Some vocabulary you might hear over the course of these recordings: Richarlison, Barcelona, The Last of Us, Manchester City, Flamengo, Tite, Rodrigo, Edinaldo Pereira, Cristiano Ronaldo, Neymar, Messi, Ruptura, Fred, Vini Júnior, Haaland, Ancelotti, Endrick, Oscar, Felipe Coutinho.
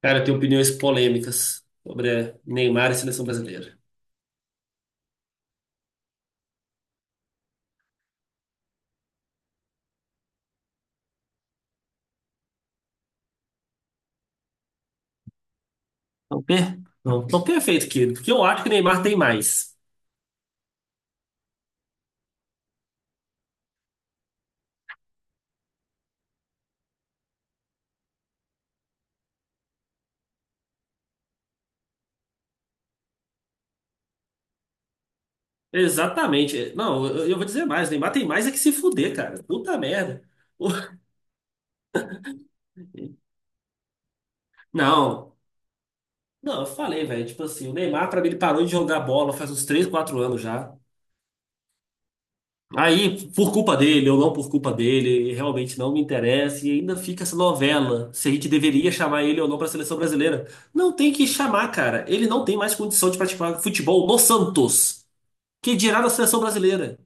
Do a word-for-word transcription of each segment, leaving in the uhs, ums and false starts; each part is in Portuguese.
Cara, eu tenho opiniões polêmicas sobre Neymar e seleção brasileira. Não, per... não, tão perfeito, querido, porque eu acho que Neymar tem mais. Exatamente. Não, eu, eu vou dizer mais. Neymar tem mais é que se fuder, cara. Puta merda. O- Não, não, eu falei, velho. Tipo assim, o Neymar, pra mim, ele parou de jogar bola faz uns três, quatro anos já. Aí, por culpa dele ou não por culpa dele, realmente não me interessa e ainda fica essa novela se a gente deveria chamar ele ou não para a seleção brasileira. Não tem que chamar, cara. Ele não tem mais condição de praticar futebol no Santos, que dirá na seleção brasileira.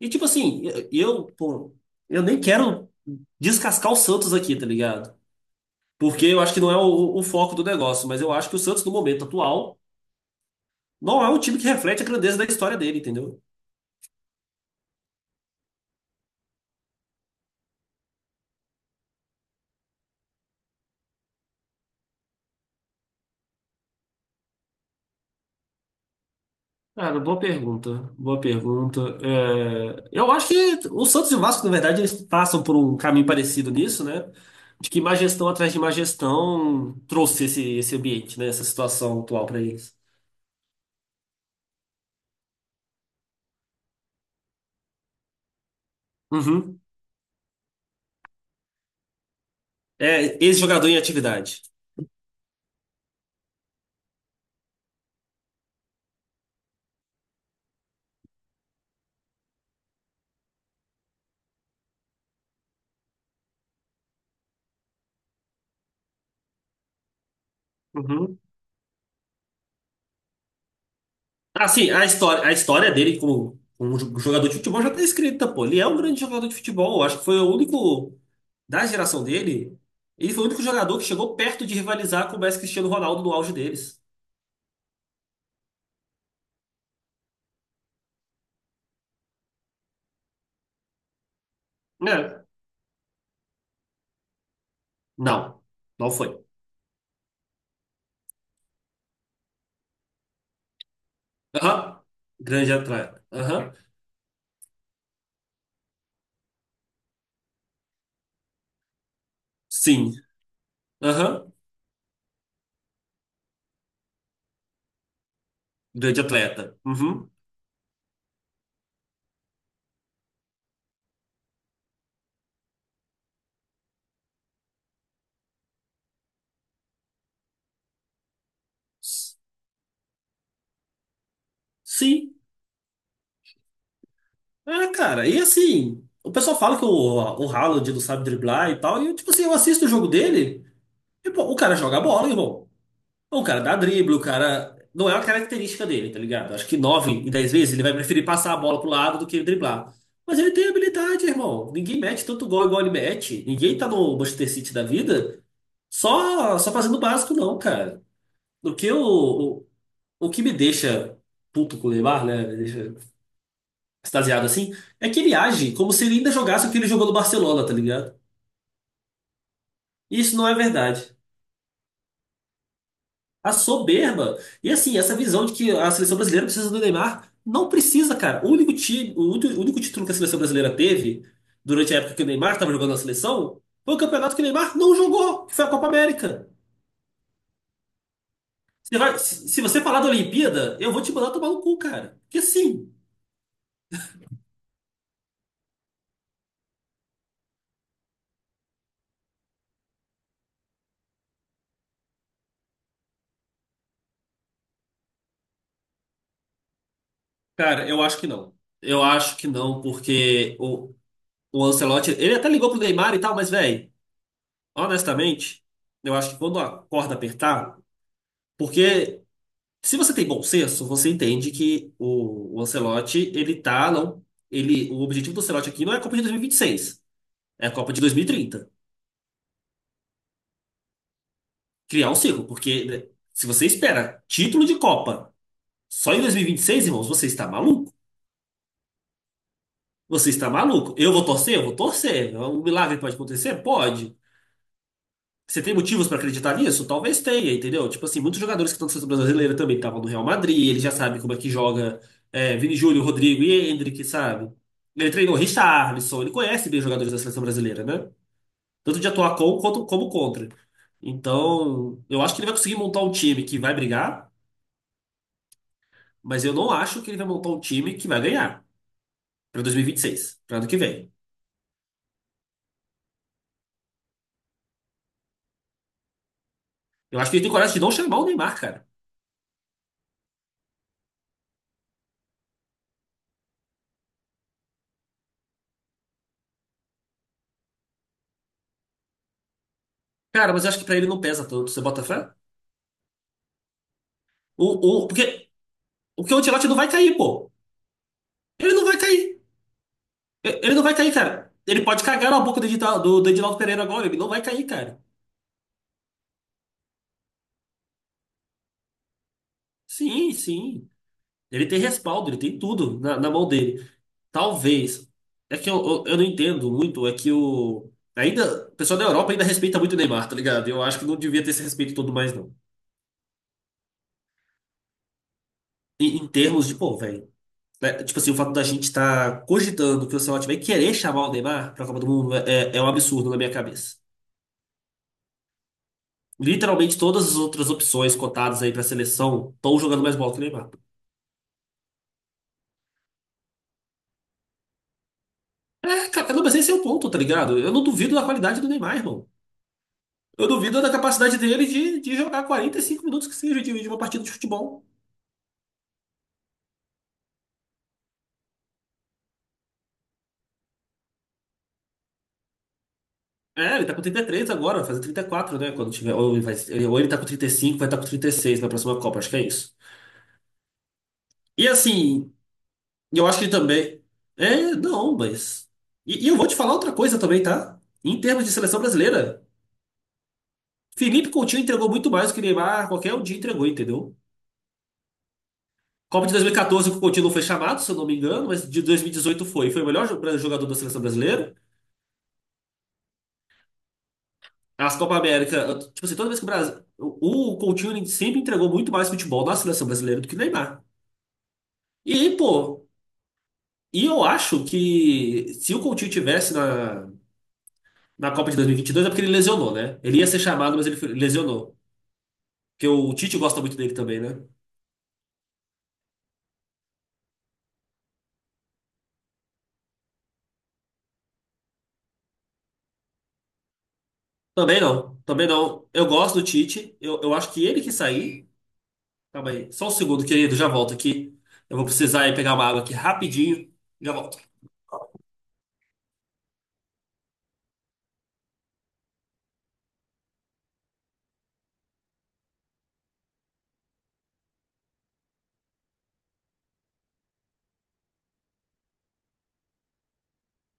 E tipo assim, eu, eu, pô, eu nem quero descascar o Santos aqui, tá ligado? Porque eu acho que não é o, o foco do negócio, mas eu acho que o Santos no momento atual não é um time que reflete a grandeza da história dele, entendeu? Cara, boa pergunta, boa pergunta. É, eu acho que o Santos e o Vasco, na verdade, eles passam por um caminho parecido nisso, né? De que má gestão atrás de má gestão trouxe esse, esse ambiente, né? Essa situação atual para eles. Uhum. É, ex-jogador em atividade. Uhum. Ah, sim, a história, a história dele como, como jo- jogador de futebol já tá escrita, pô. Ele é um grande jogador de futebol. Eu acho que foi o único da geração dele. Ele foi o único jogador que chegou perto de rivalizar com o Messi e Cristiano Ronaldo no auge deles. É. Não, não foi. Aham. Grande atleta. Aham. Sim. Aham. Grande atleta. Uhum. S- Sim. Ah, cara, e assim, o pessoal fala que o, o Haaland não sabe driblar e tal, e eu, tipo assim, eu assisto o jogo dele, e pô, o cara joga bola, irmão. O cara dá drible, o cara. Não é uma característica dele, tá ligado? Acho que nove em dez vezes ele vai preferir passar a bola pro lado do que driblar. Mas ele tem habilidade, irmão. Ninguém mete tanto gol igual ele mete. Ninguém tá no Manchester City da vida só, só fazendo o básico, não, cara. O que, eu, o, o que me deixa puto com o Neymar, né? Me deixa extasiado assim, é que ele age como se ele ainda jogasse o que ele jogou no Barcelona, tá ligado? E isso não é verdade. A soberba. E assim, essa visão de que a seleção brasileira precisa do Neymar, não precisa, cara. O único time, o único o único título que a seleção brasileira teve durante a época que o Neymar estava jogando na seleção foi o campeonato que o Neymar não jogou, que foi a Copa América. Você vai- se, se você falar da Olimpíada, eu vou te mandar tomar no cu, cara. Porque assim, cara, eu acho que não. Eu acho que não, porque o, o Ancelotti, ele até ligou pro Neymar e tal, mas, velho, honestamente, eu acho que quando a corda apertar, porque se você tem bom senso, você entende que o, o Ancelotti, ele tá, não, ele, o objetivo do Ancelotti aqui não é a Copa de dois mil e vinte e seis, é a Copa de dois mil e trinta. Criar um ciclo, porque né, se você espera título de Copa só em dois mil e vinte e seis, irmãos, você está maluco. Você está maluco. Eu vou torcer? Eu vou torcer. É Um milagre pode acontecer? Pode. Você tem motivos pra acreditar nisso? Talvez tenha, entendeu? Tipo assim, muitos jogadores que estão na seleção brasileira também estavam no Real Madrid, ele já sabe como é que joga é, Vini Júnior, Rodrigo e Endrick, sabe? Ele treinou Richarlison, ele conhece bem os jogadores da seleção brasileira, né? Tanto de atuar com quanto como contra. Então, eu acho que ele vai conseguir montar um time que vai brigar, mas eu não acho que ele vai montar um time que vai ganhar pra dois mil e vinte e seis, pra ano que vem. Eu acho que ele tem coragem de não chamar o Neymar, cara. Cara, mas eu acho que pra ele não pesa tanto, você bota fé? O, o, porque o que o Ancelotti não vai cair, pô. Ele não vai cair. E- Ele não vai cair, cara. Ele pode cagar na boca do, Edita- do, do Edinaldo Pereira agora. Ele não vai cair, cara. Sim, sim. Ele tem respaldo, ele tem tudo na, na mão dele. Talvez. É que eu, eu, eu não entendo muito. É que o. Ainda. O pessoal da Europa ainda respeita muito o Neymar, tá ligado? Eu acho que não devia ter esse respeito todo mais, não. Em, em termos de, pô, velho. Né, tipo assim, o fato da gente estar cogitando que o Ancelotti vai querer chamar o Neymar pra Copa do Mundo é, é é um absurdo na minha cabeça. Literalmente todas as outras opções cotadas aí pra seleção estão jogando mais bola que o Neymar. É, cara, não, mas esse é o ponto, tá ligado? Eu não duvido da qualidade do Neymar, irmão. Eu duvido da capacidade dele de, de jogar quarenta e cinco minutos que seja de, de uma partida de futebol. É, ele tá com trinta e três agora, vai fazer trinta e quatro, né? Quando tiver, ou ele, vai, ele- ou ele tá com trinta e cinco, vai estar tá com trinta e seis na próxima Copa, acho que é isso. E assim, eu acho que ele também. É, não, mas. E, e eu vou te falar outra coisa também, tá? Em termos de seleção brasileira. Felipe Coutinho entregou muito mais do que Neymar qualquer um dia entregou, entendeu? Copa de dois mil e catorze que o Coutinho não foi chamado, se eu não me engano, mas de dois mil e dezoito foi. Foi o melhor jo- jogador da seleção brasileira. As Copa América, tipo assim, toda vez que o Brasil. O o Coutinho ele sempre entregou muito mais futebol na seleção brasileira do que o Neymar. E, pô, e eu acho que se o Coutinho tivesse na, na Copa de dois mil e vinte e dois é porque ele lesionou, né? Ele ia ser chamado, mas ele foi- lesionou. Porque o Tite gosta muito dele também, né? Também não, também não. Eu gosto do Tite, eu, eu acho que ele que sair. Calma aí. Só um segundo, querido, já volto aqui. Eu vou precisar ir pegar uma água aqui rapidinho. Já volto.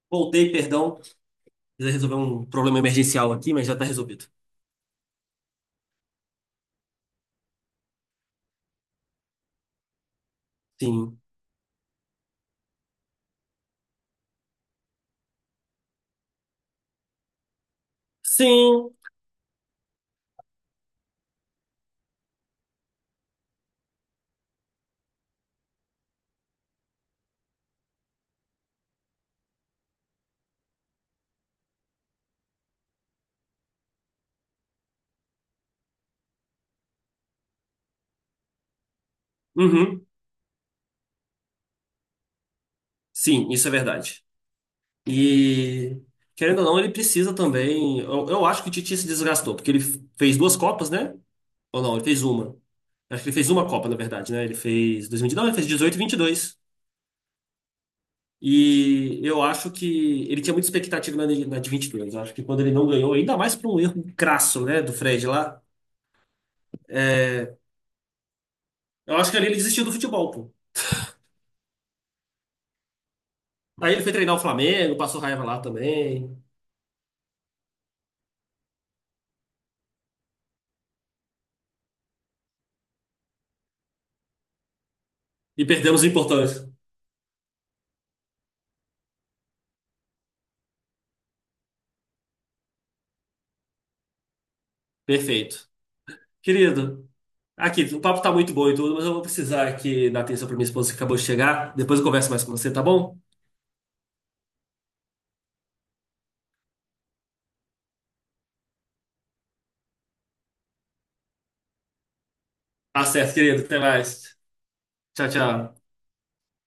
Voltei, perdão. Precisei resolver um problema emergencial aqui, mas já tá resolvido. Sim. Sim. Uhum. Sim, isso é verdade. E, querendo ou não, ele precisa também. Eu, eu acho que o Titi se desgastou, porque ele fez duas Copas, né? Ou não, ele fez uma. Acho que ele fez uma Copa, na verdade, né? Ele fez dois mil, não, ele fez dezoito e vinte e dois. E eu acho que ele tinha muita expectativa na, de- na de vinte e dois. Eu acho que quando ele não ganhou, ainda mais por um erro crasso, né, do Fred lá, é, eu acho que ali ele desistiu do futebol, pô. Aí ele foi treinar o Flamengo, passou raiva lá também. E perdemos o importante. Perfeito. Querido, aqui, o papo tá muito bom e tudo, mas eu vou precisar aqui dar atenção pra minha esposa que acabou de chegar. Depois eu converso mais com você, tá bom? Tá certo, querido. Até mais. Tchau, tchau.